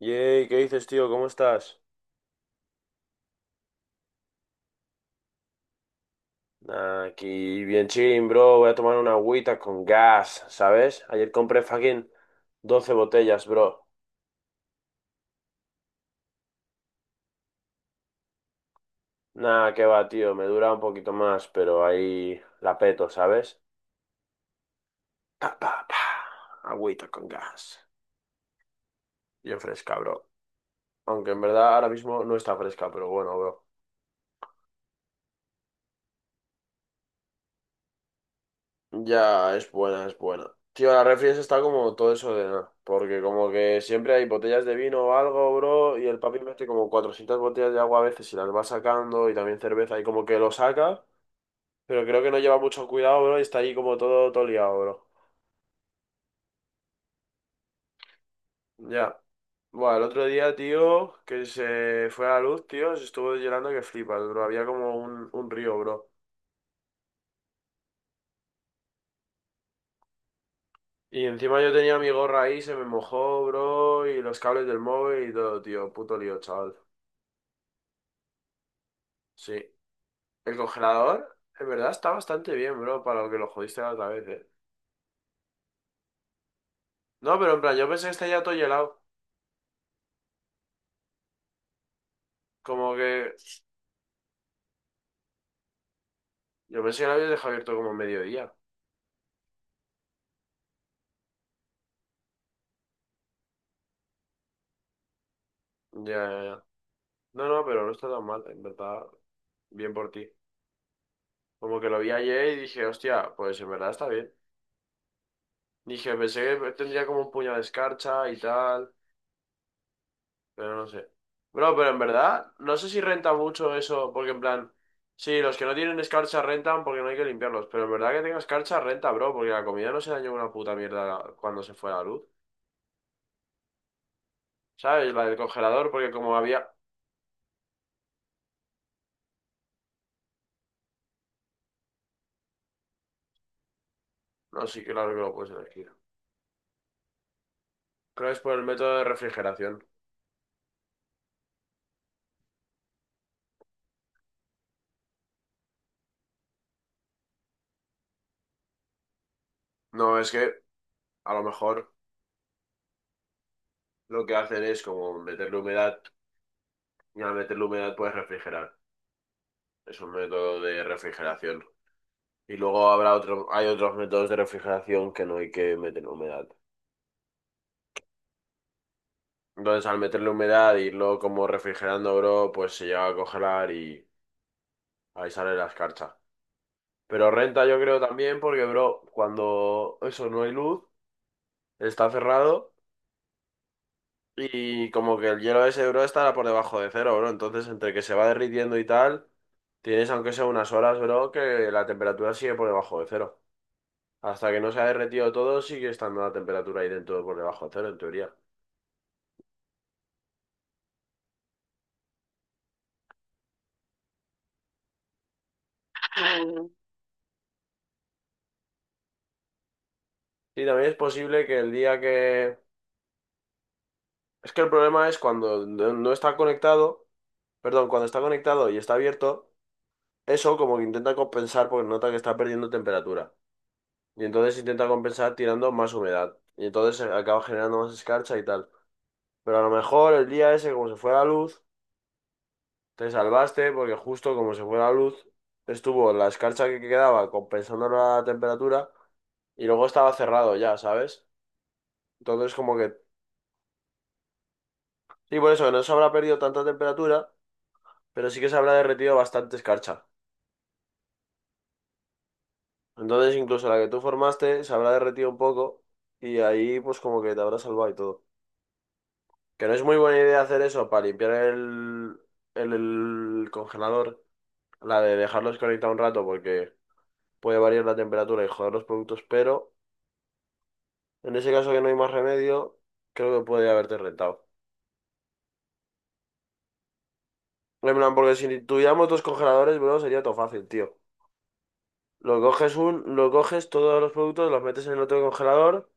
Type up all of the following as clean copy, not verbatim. Yey, ¿qué dices, tío? ¿Cómo estás? Nah, aquí bien chilling, bro. Voy a tomar una agüita con gas, ¿sabes? Ayer compré fucking 12 botellas, bro. Nah, qué va, tío. Me dura un poquito más, pero ahí la peto, ¿sabes? Pa, pa, pa. Agüita con gas. Bien fresca, bro. Aunque en verdad ahora mismo no está fresca, pero bueno, bro. Ya, es buena, es buena. Tío, la refri esa está como todo eso de nada. Porque como que siempre hay botellas de vino o algo, bro, y el papi mete como 400 botellas de agua a veces y las va sacando, y también cerveza, y como que lo saca, pero creo que no lleva mucho cuidado, bro, y está ahí como todo, todo liado, bro. Ya. Bueno, el otro día, tío, que se fue a la luz, tío, se estuvo llorando que flipas, bro. Había como un río, bro. Y encima yo tenía mi gorra ahí, se me mojó, bro, y los cables del móvil y todo, tío. Puto lío, chaval. Sí. El congelador, en verdad, está bastante bien, bro, para lo que lo jodiste la otra vez, ¿eh? No, pero en plan, yo pensé que está ya todo helado. Como que... Yo pensé que lo habías dejado abierto como a mediodía. Ya, ya, ya. No, no, pero no está tan mal, en verdad. Bien por ti. Como que lo vi ayer y dije, hostia, pues en verdad está bien. Dije, pensé que tendría como un puño de escarcha y tal. Pero no sé. Bro, pero en verdad, no sé si renta mucho eso, porque en plan, sí, los que no tienen escarcha rentan porque no hay que limpiarlos, pero en verdad que tenga escarcha renta, bro, porque la comida no se dañó una puta mierda cuando se fue la luz. ¿Sabes? La del congelador, porque como había... No, sí, claro que lo puedes elegir. Creo que es por el método de refrigeración. No, es que a lo mejor lo que hacen es como meterle humedad y al meterle humedad puedes refrigerar. Es un método de refrigeración. Y luego habrá otro, hay otros métodos de refrigeración que no hay que meter humedad. Entonces, al meterle humedad e irlo como refrigerando, bro, pues se llega a congelar y ahí sale la escarcha. Pero renta yo creo también porque, bro, cuando eso no hay luz, está cerrado y como que el hielo ese, bro, estará por debajo de cero, bro. Entonces, entre que se va derritiendo y tal, tienes aunque sea unas horas, bro, que la temperatura sigue por debajo de cero. Hasta que no se ha derretido todo, sigue estando la temperatura ahí dentro por debajo de cero, en teoría. Sí, también es posible que el día que... Es que el problema es cuando no está conectado, perdón, cuando está conectado y está abierto, eso como que intenta compensar porque nota que está perdiendo temperatura. Y entonces intenta compensar tirando más humedad. Y entonces se acaba generando más escarcha y tal. Pero a lo mejor el día ese, como se fue la luz, te salvaste porque justo como se fue la luz, estuvo la escarcha que quedaba compensando la temperatura y luego estaba cerrado ya, ¿sabes? Entonces como que... Sí, por eso que no se habrá perdido tanta temperatura, pero sí que se habrá derretido bastante escarcha. Entonces incluso la que tú formaste se habrá derretido un poco y ahí pues como que te habrá salvado y todo. Que no es muy buena idea hacer eso para limpiar el congelador, la de dejarlos conectados un rato porque puede variar la temperatura y joder los productos, pero en ese caso que no hay más remedio, creo que puede haberte rentado. En plan, porque si tuviéramos dos congeladores, bro, sería todo fácil, tío. Lo coges lo coges todos los productos, los metes en el otro congelador.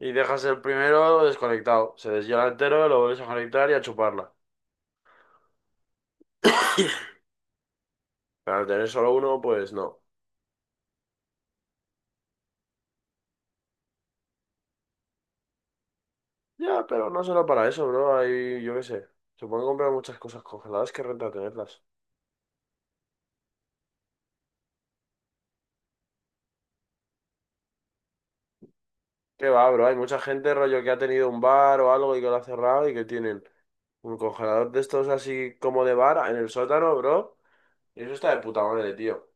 Y dejas el primero desconectado. Se deshiela entero, lo vuelves a conectar y a chuparla. Pero al tener solo uno, pues no. Ya, pero no solo para eso, bro. Hay, yo qué sé. Se pueden comprar muchas cosas congeladas que renta tenerlas. Qué va, bro. Hay mucha gente, rollo, que ha tenido un bar o algo y que lo ha cerrado y que tienen un congelador de estos así como de bar en el sótano, bro. Y eso está de puta madre, tío.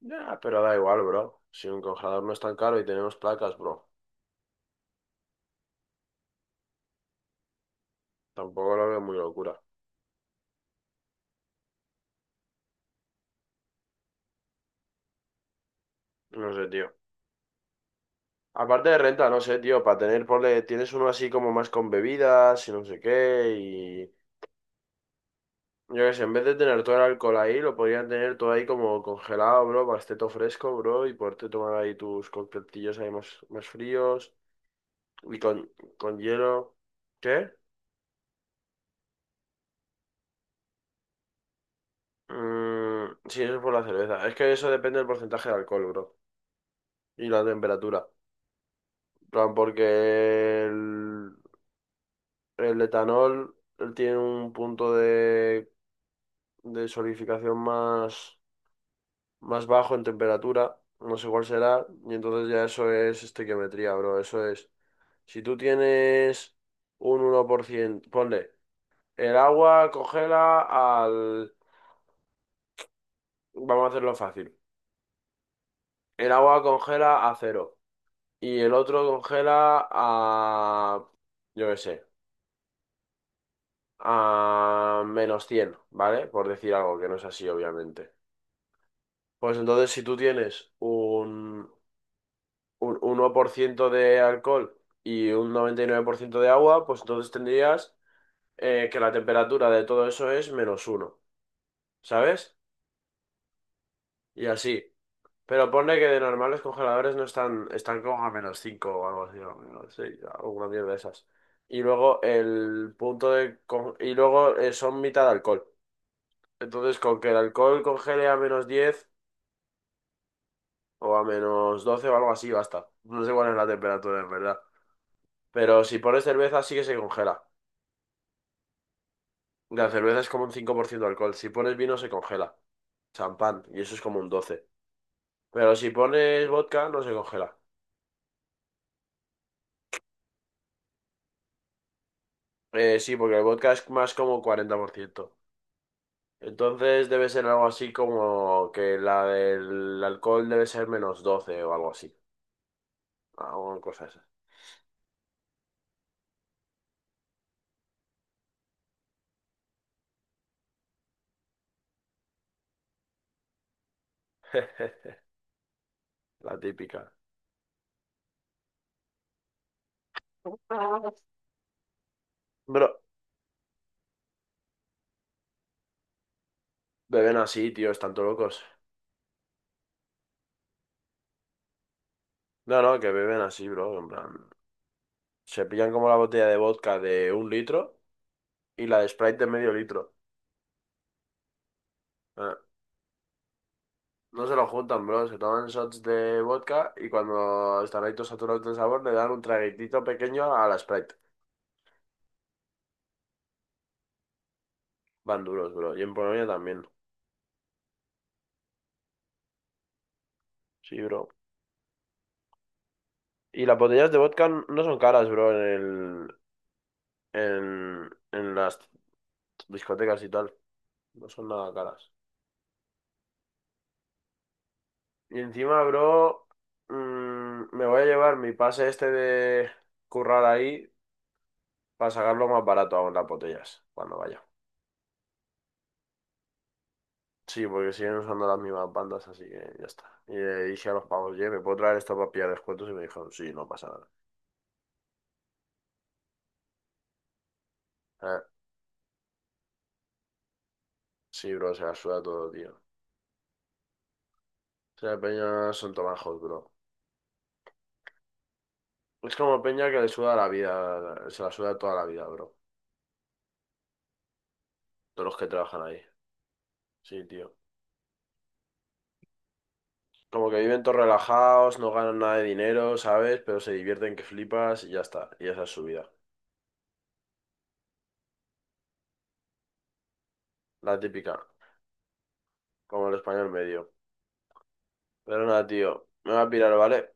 Ya, pero da igual, bro. Si un congelador no es tan caro y tenemos placas, bro. Tampoco lo veo muy locura. No sé, tío. Aparte de renta, no sé, tío, para tener, ponle, tienes uno así como más con bebidas y no sé qué, y yo qué sé, en vez de tener todo el alcohol ahí, lo podrían tener todo ahí como congelado, bro, para que esté todo fresco, bro, y poderte tomar ahí tus coctelillos ahí más fríos y con hielo. ¿Qué? Mm, sí, eso es por la cerveza. Es que eso depende del porcentaje de alcohol, bro, y la temperatura. En plan, porque el etanol él tiene un punto de solidificación más bajo en temperatura, no sé cuál será, y entonces ya eso es estequiometría, bro, eso es. Si tú tienes un 1% ponle, el agua congela al... Vamos a hacerlo fácil. El agua congela a 0 y el otro congela a... yo qué sé, a -100, ¿vale? Por decir algo que no es así, obviamente. Pues entonces, si tú tienes un 1% de alcohol y un 99% de agua, pues entonces tendrías que la temperatura de todo eso es -1, ¿sabes? Y así. Pero ponle que de normal los congeladores no están, están como a -5 o algo así, o menos 6, alguna mierda de esas. Y luego el punto de... con- Y luego son mitad alcohol. Entonces con que el alcohol congele a -10 o a menos 12 o algo así, basta. No sé cuál es la temperatura en verdad. Pero si pones cerveza sí que se congela. La cerveza es como un 5% de alcohol. Si pones vino se congela. Champán, y eso es como un doce. Pero si pones vodka no se congela. Sí, porque el vodka es más como 40%. Entonces debe ser algo así como que la del alcohol debe ser -12 o algo así. Alguna cosa esa. La típica. Bro, beben así, tío, están todos locos. No, no, que beben así, bro. En plan, se pillan como la botella de vodka de 1 litro y la de Sprite de medio litro. Ah, no se lo juntan, bro. Se toman shots de vodka y cuando están ahí todos saturados de sabor le dan un traguitito pequeño a la Sprite. Van duros, bro. Y en Polonia también. Sí, bro. Y las botellas de vodka no son caras, bro, en en las discotecas y tal. No son nada caras. Y encima, bro, me voy a llevar mi pase este de currar ahí para sacarlo más barato aún las botellas cuando vaya. Sí, porque siguen usando las mismas bandas, así que ya está. Y le dije a los pavos, oye, ¿me puedo traer esto para pillar descuentos? Y me dijeron, sí, no pasa nada. Eh, sí, bro, se la suda todo, tío. O sea, peña son tomajos, bro. Es como peña que le suda la vida, se la suda toda la vida, bro. Todos los que trabajan ahí. Sí, tío. Como que viven todos relajados, no ganan nada de dinero, ¿sabes? Pero se divierten que flipas y ya está. Y esa es su vida. La típica, como el español medio. Pero nada, tío. Me voy a pirar, ¿vale?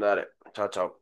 Dale. Chao, chao.